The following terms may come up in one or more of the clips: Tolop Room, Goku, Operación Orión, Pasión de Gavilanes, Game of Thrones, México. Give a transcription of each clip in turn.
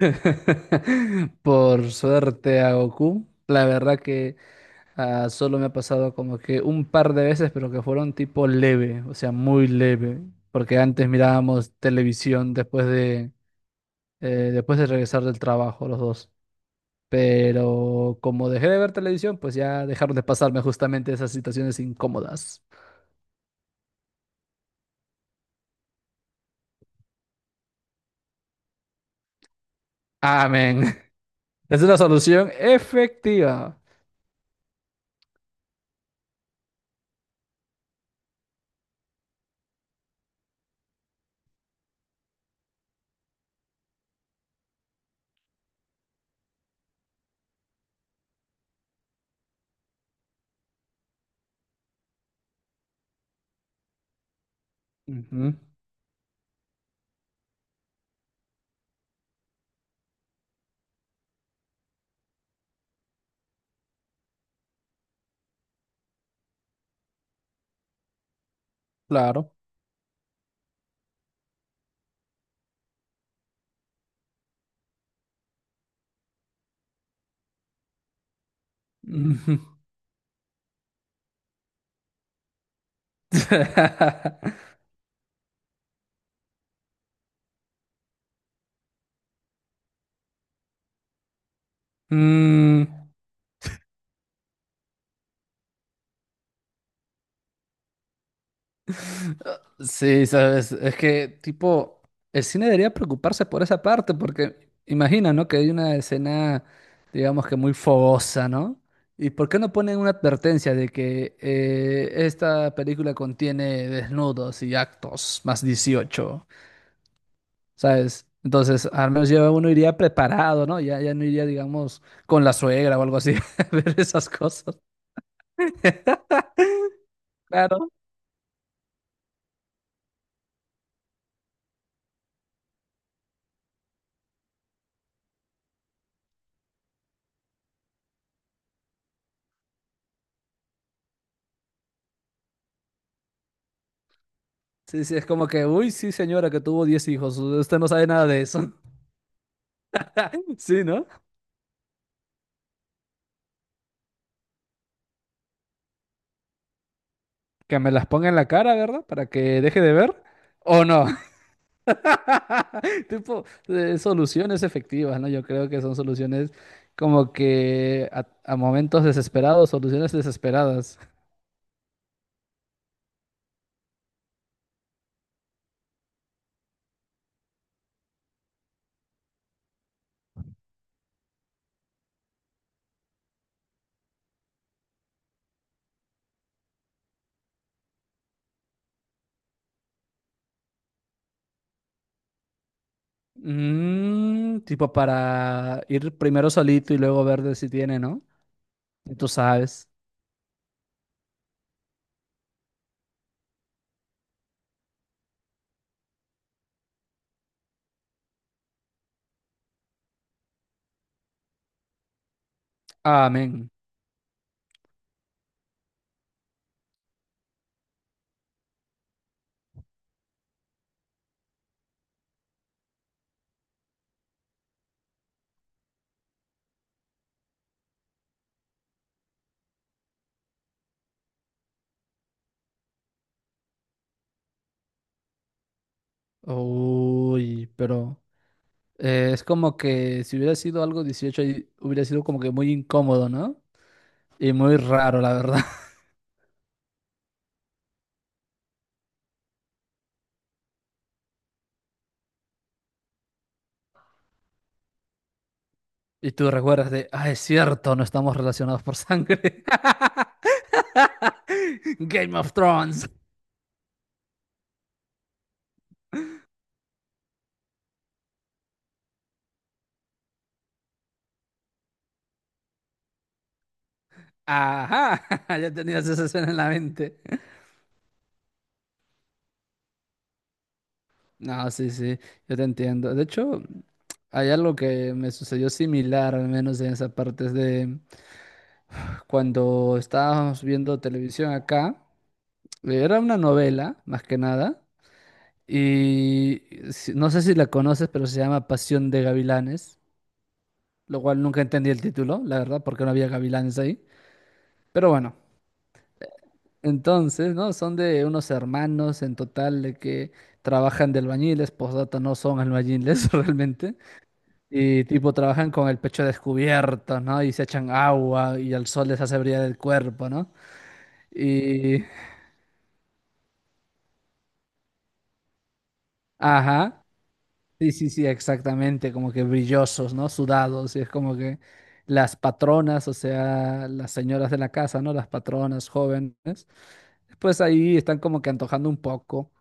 Por suerte a Goku. La verdad que solo me ha pasado como que un par de veces, pero que fueron tipo leve, o sea, muy leve. Porque antes mirábamos televisión eh, después de regresar del trabajo los dos. Pero como dejé de ver televisión, pues ya dejaron de pasarme justamente esas situaciones incómodas. Amén. Es una solución efectiva. Ujú, claro. Mm. Sí, sabes, es que tipo, el cine debería preocuparse por esa parte, porque imagina, ¿no? Que hay una escena, digamos que muy fogosa, ¿no? ¿Y por qué no ponen una advertencia de que esta película contiene desnudos y actos más 18, ¿sabes? Entonces, al menos ya uno iría preparado, ¿no? Ya, ya no iría, digamos, con la suegra o algo así, a ver esas cosas. Claro. Sí, sí, es como que, uy, sí, señora, que tuvo 10 hijos, usted no sabe nada de eso. Sí, ¿no? Que me las ponga en la cara, ¿verdad? Para que deje de ver. ¿O no? Tipo, soluciones efectivas, ¿no? Yo creo que son soluciones como que a momentos desesperados, soluciones desesperadas. Mm, tipo para ir primero solito y luego ver de si tiene, ¿no? Y tú sabes. Amén. Uy, pero es como que si hubiera sido algo 18 y hubiera sido como que muy incómodo, ¿no? Y muy raro, la verdad. Y tú recuerdas de, ah, es cierto, no estamos relacionados por sangre. Game of Thrones. Ajá, ya tenías esa escena en la mente. No, sí, sí, yo te entiendo. De hecho, hay algo que me sucedió similar, al menos en esa parte, es de cuando estábamos viendo televisión acá, era una novela, más que nada, y no sé si la conoces, pero se llama Pasión de Gavilanes, lo cual nunca entendí el título, la verdad, porque no había gavilanes ahí. Pero bueno. Entonces, ¿no? Son de unos hermanos en total de que trabajan de albañiles, postdata no son albañiles realmente, y tipo trabajan con el pecho descubierto, ¿no? Y se echan agua y el sol les hace brillar el cuerpo, ¿no? Y, ajá, sí, sí, sí, exactamente, como que brillosos, ¿no? Sudados, y es como que las patronas, o sea, las señoras de la casa, ¿no? Las patronas jóvenes, pues ahí están como que antojando un poco.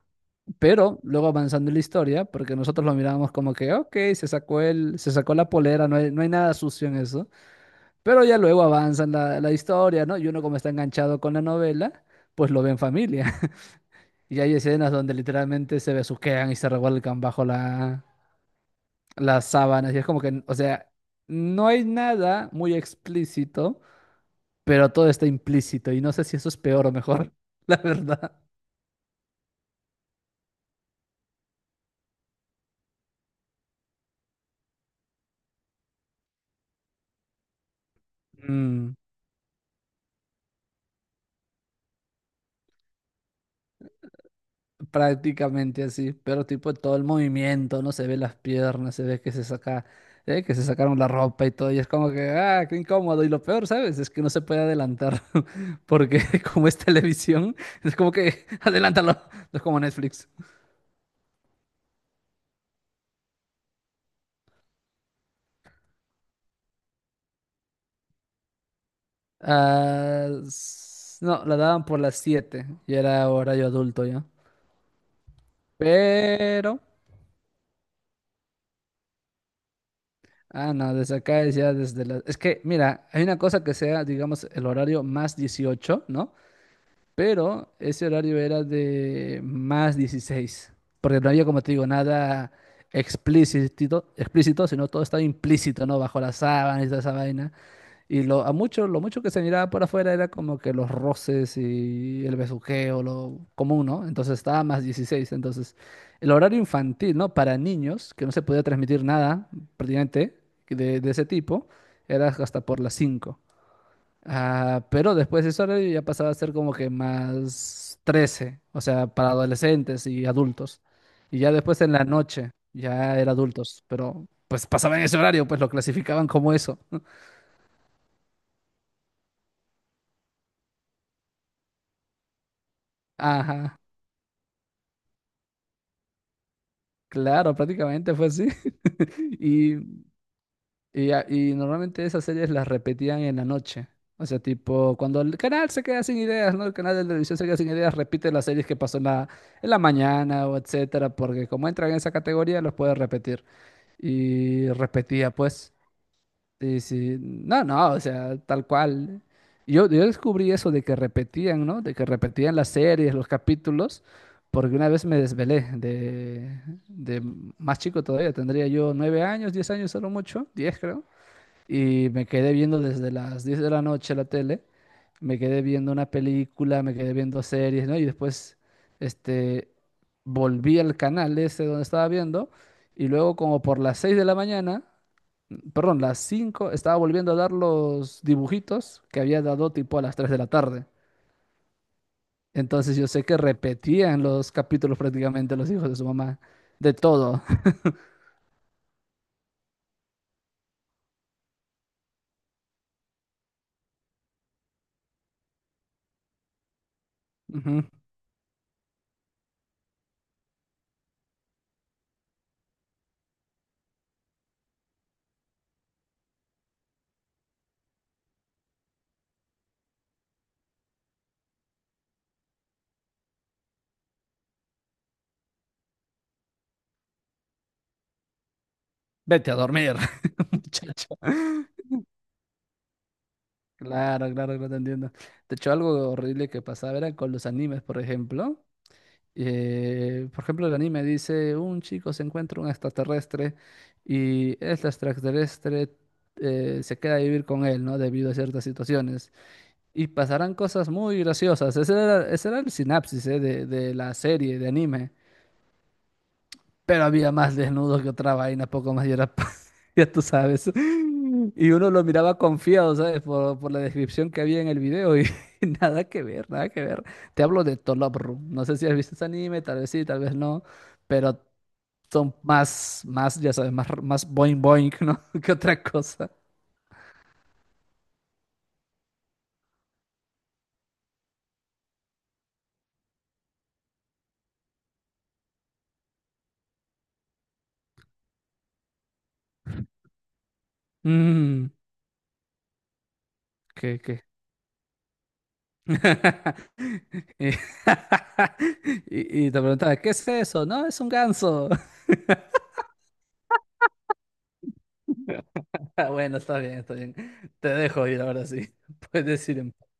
Pero luego avanzando en la historia, porque nosotros lo mirábamos como que, ok, se sacó la polera, no hay nada sucio en eso. Pero ya luego avanza en la historia, ¿no? Y uno como está enganchado con la novela, pues lo ve en familia. Y hay escenas donde literalmente se besuquean y se revuelcan bajo las sábanas. Y es como que, o sea, no hay nada muy explícito, pero todo está implícito. Y no sé si eso es peor o mejor, la verdad. Mm. Prácticamente así, pero tipo todo el movimiento, no se ve las piernas, se ve que se saca, que se sacaron la ropa y todo, y es como que, ah, qué incómodo. Y lo peor, ¿sabes? Es que no se puede adelantar, porque como es televisión, es como que, adelántalo, es como Netflix. Ah, no, la daban por las 7 y era horario adulto ya. Pero, ah, no, desde acá es ya desde las... Es que, mira, hay una cosa que sea, digamos, el horario más 18, ¿no? Pero ese horario era de más 16, porque no había, como te digo, nada explícito, explícito, sino todo estaba implícito, ¿no? Bajo las sábanas y toda esa vaina. Y lo, a mucho, lo mucho que se miraba por afuera era como que los roces y el besuqueo, lo común, ¿no? Entonces estaba más 16. Entonces, el horario infantil, ¿no? Para niños, que no se podía transmitir nada prácticamente de ese tipo, era hasta por las 5. Ah, pero después de ese horario ya pasaba a ser como que más 13, o sea, para adolescentes y adultos. Y ya después en la noche ya era adultos, pero pues pasaba en ese horario, pues lo clasificaban como eso. Ajá, claro, prácticamente fue así. Y, y normalmente esas series las repetían en la noche. O sea, tipo, cuando el canal se queda sin ideas, ¿no? El canal de televisión se queda sin ideas, repite las series que pasó en la mañana o etcétera, porque como entran en esa categoría, los puede repetir. Y repetía, pues, y sí, no, no, o sea, tal cual. Yo descubrí eso de que repetían, ¿no? De que repetían las series, los capítulos, porque una vez me desvelé de más chico todavía, tendría yo 9 años, 10 años, solo mucho, diez creo y me quedé viendo desde las 10 de la noche la tele, me quedé viendo una película, me quedé viendo series, ¿no? Y después, este, volví al canal ese donde estaba viendo y luego como por las 6 de la mañana, perdón, las 5 estaba volviendo a dar los dibujitos que había dado tipo a las 3 de la tarde. Entonces yo sé que repetían los capítulos prácticamente los hijos de su mamá, de todo. Ujú. Vete a dormir, muchacho. Claro, claro, claro, te entiendo. De hecho, algo horrible que pasaba era con los animes, por ejemplo. Por ejemplo, el anime dice, un chico se encuentra un extraterrestre y este extraterrestre se queda a vivir con él, ¿no? Debido a ciertas situaciones. Y pasarán cosas muy graciosas. Ese era el sinapsis, de la serie, de anime pero había más desnudos que otra vaina, poco más y era, ya tú sabes. Y uno lo miraba confiado, ¿sabes? Por la descripción que había en el video y nada que ver, nada que ver. Te hablo de Tolop Room. No sé si has visto ese anime, tal vez sí, tal vez no, pero son más, más, ya sabes, más, más boing boing, ¿no? Que otra cosa. Mm, ¿qué, qué? Y, y te preguntaba, ¿qué es eso? No, es un ganso. Bueno, está bien, está bien. Te dejo ir ahora sí. Puedes ir en